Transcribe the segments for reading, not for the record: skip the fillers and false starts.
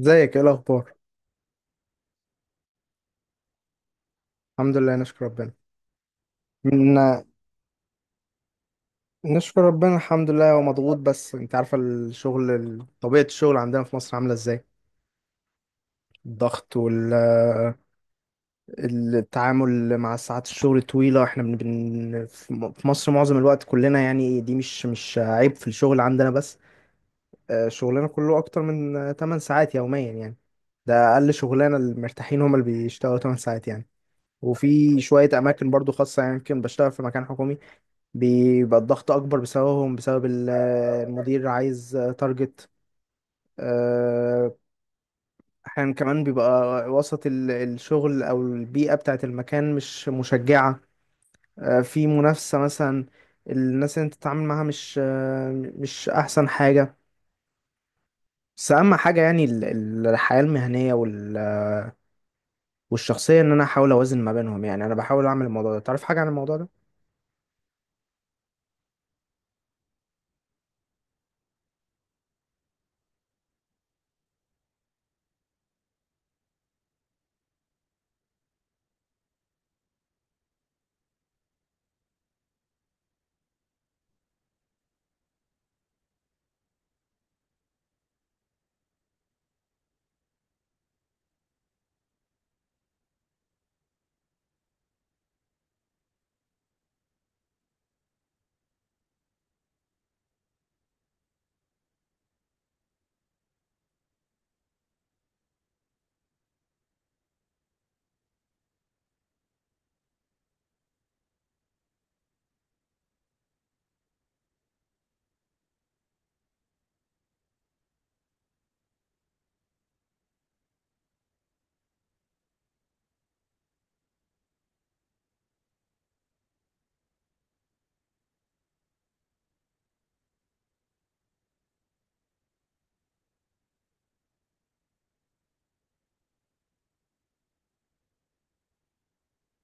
ازيك؟ ايه الاخبار؟ الحمد لله نشكر ربنا. من نشكر ربنا الحمد لله ومضغوط، بس انت عارفه الشغل طبيعه الشغل عندنا في مصر عامله ازاي. الضغط والتعامل مع ساعات الشغل طويله، احنا في مصر معظم الوقت كلنا، يعني دي مش عيب في الشغل عندنا، بس شغلنا كله اكتر من 8 ساعات يوميا يعني. ده اقل شغلانه، المرتاحين هم اللي بيشتغلوا 8 ساعات يعني. وفي شويه اماكن برضو خاصه، يعني يمكن بشتغل في مكان حكومي بيبقى الضغط اكبر بسببهم، بسبب المدير عايز تارجت. آه، احيانا كمان بيبقى وسط الشغل او البيئة بتاعت المكان مش مشجعة. في منافسة مثلا، الناس اللي انت بتتعامل معاها مش مش احسن حاجة. بس اهم حاجة يعني الحياة المهنية والشخصية، ان انا احاول اوازن ما بينهم. يعني انا بحاول اعمل الموضوع ده، تعرف حاجة عن الموضوع ده؟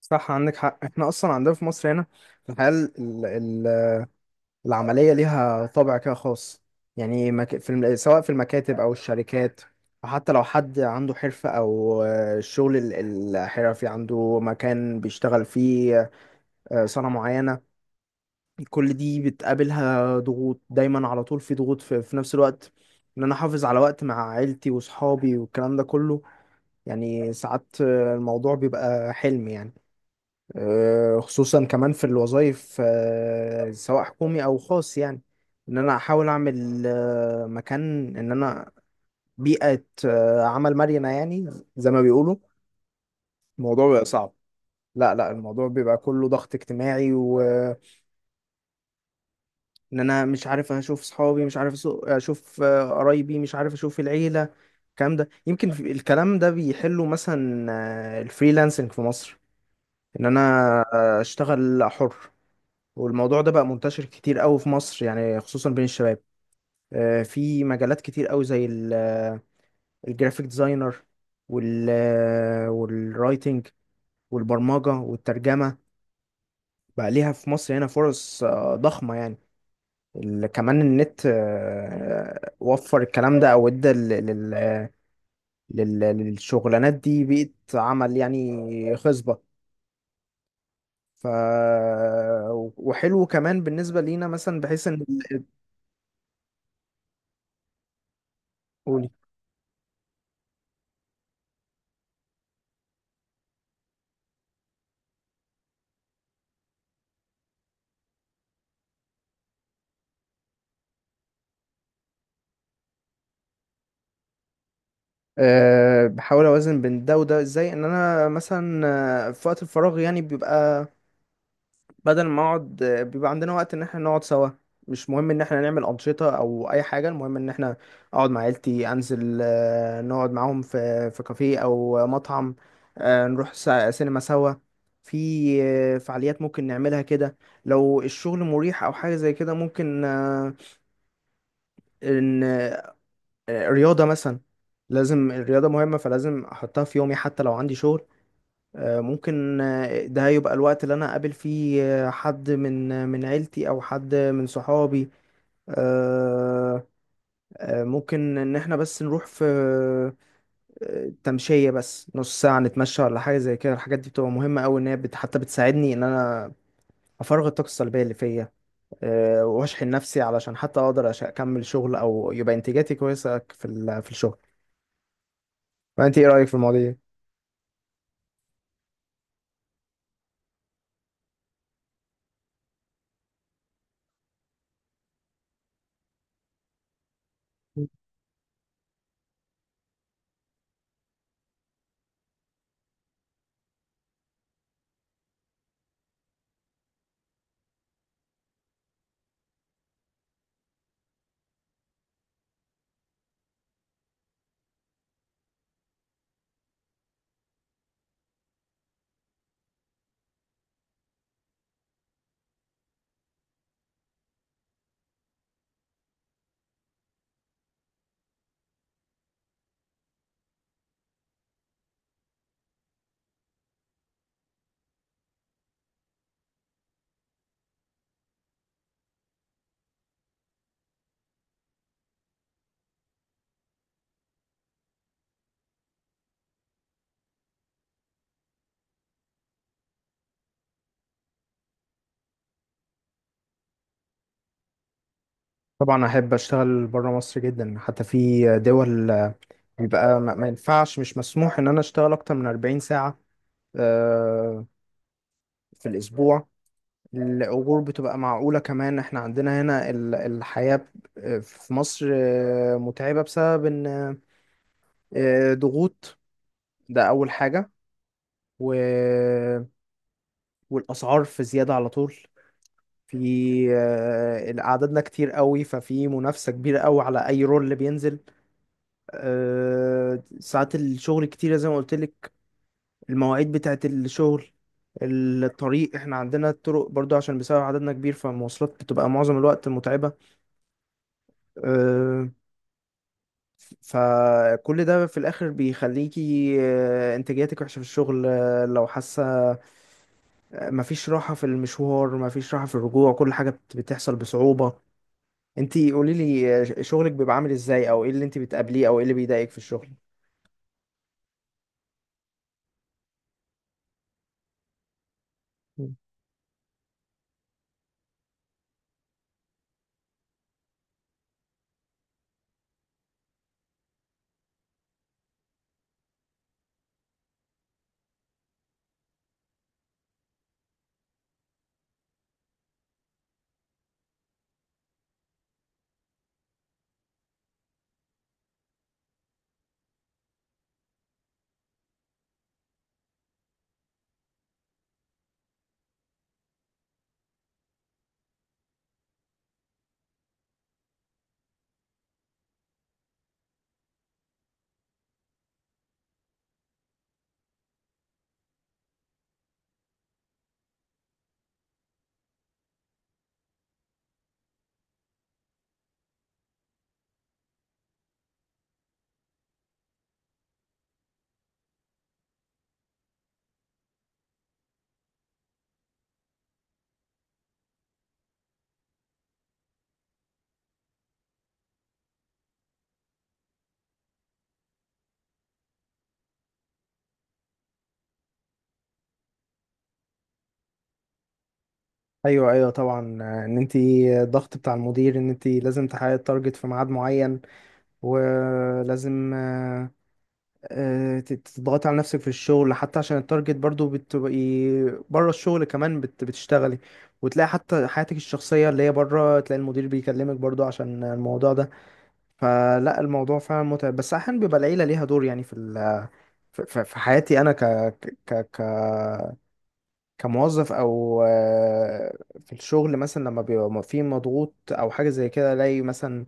صح عندك حق احنا اصلا عندنا في مصر هنا الحياة العملية ليها طابع كده خاص. يعني سواء في المكاتب أو الشركات، وحتى لو حد عنده حرفة أو الشغل الحرفي عنده مكان بيشتغل فيه، صنعة معينة، كل دي بتقابلها ضغوط دايما على طول. في ضغوط في نفس الوقت، إن أنا أحافظ على وقت مع عيلتي وصحابي والكلام ده كله. يعني ساعات الموضوع بيبقى حلم يعني. خصوصا كمان في الوظائف، سواء حكومي او خاص، يعني ان انا احاول اعمل مكان، ان انا بيئة عمل مرنة يعني، زي ما بيقولوا الموضوع بيبقى صعب. لا لا، الموضوع بيبقى كله ضغط اجتماعي، وان انا مش عارف اشوف صحابي، مش عارف اشوف قرايبي، مش عارف اشوف العيلة. الكلام ده يمكن الكلام ده بيحله مثلا الفريلانسنج في مصر، ان انا اشتغل حر. والموضوع ده بقى منتشر كتير قوي في مصر يعني، خصوصا بين الشباب. في مجالات كتير قوي زي الجرافيك ديزاينر، وال والرايتنج والبرمجة والترجمة، بقى ليها في مصر هنا فرص ضخمة يعني. كمان النت وفر الكلام ده او ادى للشغلانات دي بيئة عمل يعني خصبة. ف وحلو كمان بالنسبة لينا مثلا، بحيث ان... قولي. أه بحاول اوازن بين ده وده ازاي، ان انا مثلا في وقت الفراغ يعني بيبقى، بدل ما اقعد بيبقى عندنا وقت ان احنا نقعد سوا. مش مهم ان احنا نعمل انشطة او اي حاجة، المهم ان احنا اقعد مع عيلتي، انزل نقعد معاهم في كافيه او مطعم، نروح سينما سوا. في فعاليات ممكن نعملها كده لو الشغل مريح او حاجة زي كده. ممكن آه، رياضة مثلا، لازم الرياضة مهمة، فلازم أحطها في يومي حتى لو عندي شغل. ممكن ده يبقى الوقت اللي أنا أقابل فيه حد من من عيلتي أو حد من صحابي. آه، ممكن إن إحنا بس نروح في تمشية، بس نص ساعة نتمشى ولا حاجة زي كده. الحاجات دي بتبقى مهمة أوي، إن هي حتى بتساعدني إن أنا أفرغ الطاقة السلبية اللي فيا، وأشحن نفسي علشان حتى أقدر أكمل شغل أو يبقى إنتاجاتي كويسة في الشغل. فأنت إيه رأيك في المواضيع دي؟ طبعا احب اشتغل بره مصر جدا، حتى في دول بيبقى ما ما ينفعش، مش مسموح ان انا اشتغل اكتر من 40 ساعة آه، في الاسبوع. الاجور بتبقى معقولة كمان. احنا عندنا هنا الحياة في مصر متعبة بسبب ان ضغوط، ده اول حاجة. و... والاسعار في زيادة على طول. في عددنا كتير قوي، ففي منافسة كبيرة قوي على اي رول اللي بينزل. ساعات الشغل كتيرة زي ما قلت لك، المواعيد بتاعت الشغل، الطريق. احنا عندنا الطرق برضو عشان بسبب عددنا كبير، فالمواصلات بتبقى معظم الوقت متعبة. آه، فكل ده في الآخر بيخليكي إنتاجيتك وحشة في الشغل لو حاسة. مفيش راحة في المشوار، مفيش راحة في الرجوع، كل حاجة بتحصل بصعوبة. انتي قوليلي شغلك بيبقى عامل ازاي، او ايه اللي انتي بتقابليه، او ايه اللي بيضايقك في الشغل؟ ايوه ايوه طبعا، ان انت الضغط بتاع المدير ان انت لازم تحققي التارجت في ميعاد معين، ولازم تضغطي على نفسك في الشغل حتى عشان التارجت. برضو بتبقي بره الشغل كمان بتشتغلي، وتلاقي حتى حياتك الشخصية اللي هي بره، تلاقي المدير بيكلمك برضو عشان الموضوع ده. فلا الموضوع فعلا متعب، بس احيانا بيبقى العيلة ليها دور يعني في ال في في- في حياتي انا ك ك ك كموظف او في الشغل، مثلا لما بيبقى في مضغوط او حاجه زي كده، الاقي مثلا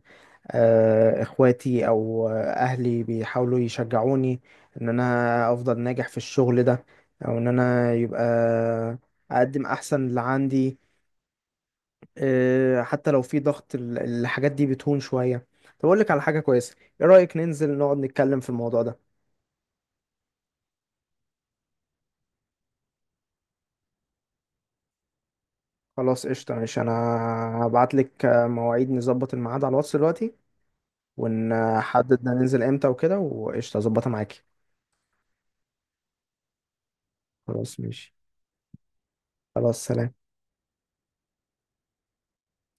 اخواتي او اهلي بيحاولوا يشجعوني ان انا افضل ناجح في الشغل ده، او ان انا يبقى اقدم احسن اللي عندي. حتى لو في ضغط الحاجات دي بتهون شويه. طب اقول لك على حاجه كويسه، ايه رايك ننزل نقعد نتكلم في الموضوع ده؟ خلاص قشطه ماشي، انا هبعت لك مواعيد، نظبط الميعاد على الواتس دلوقتي، ونحدد ننزل امتى وكده، وقشطة اظبطها معاكي. خلاص ماشي. خلاص سلام.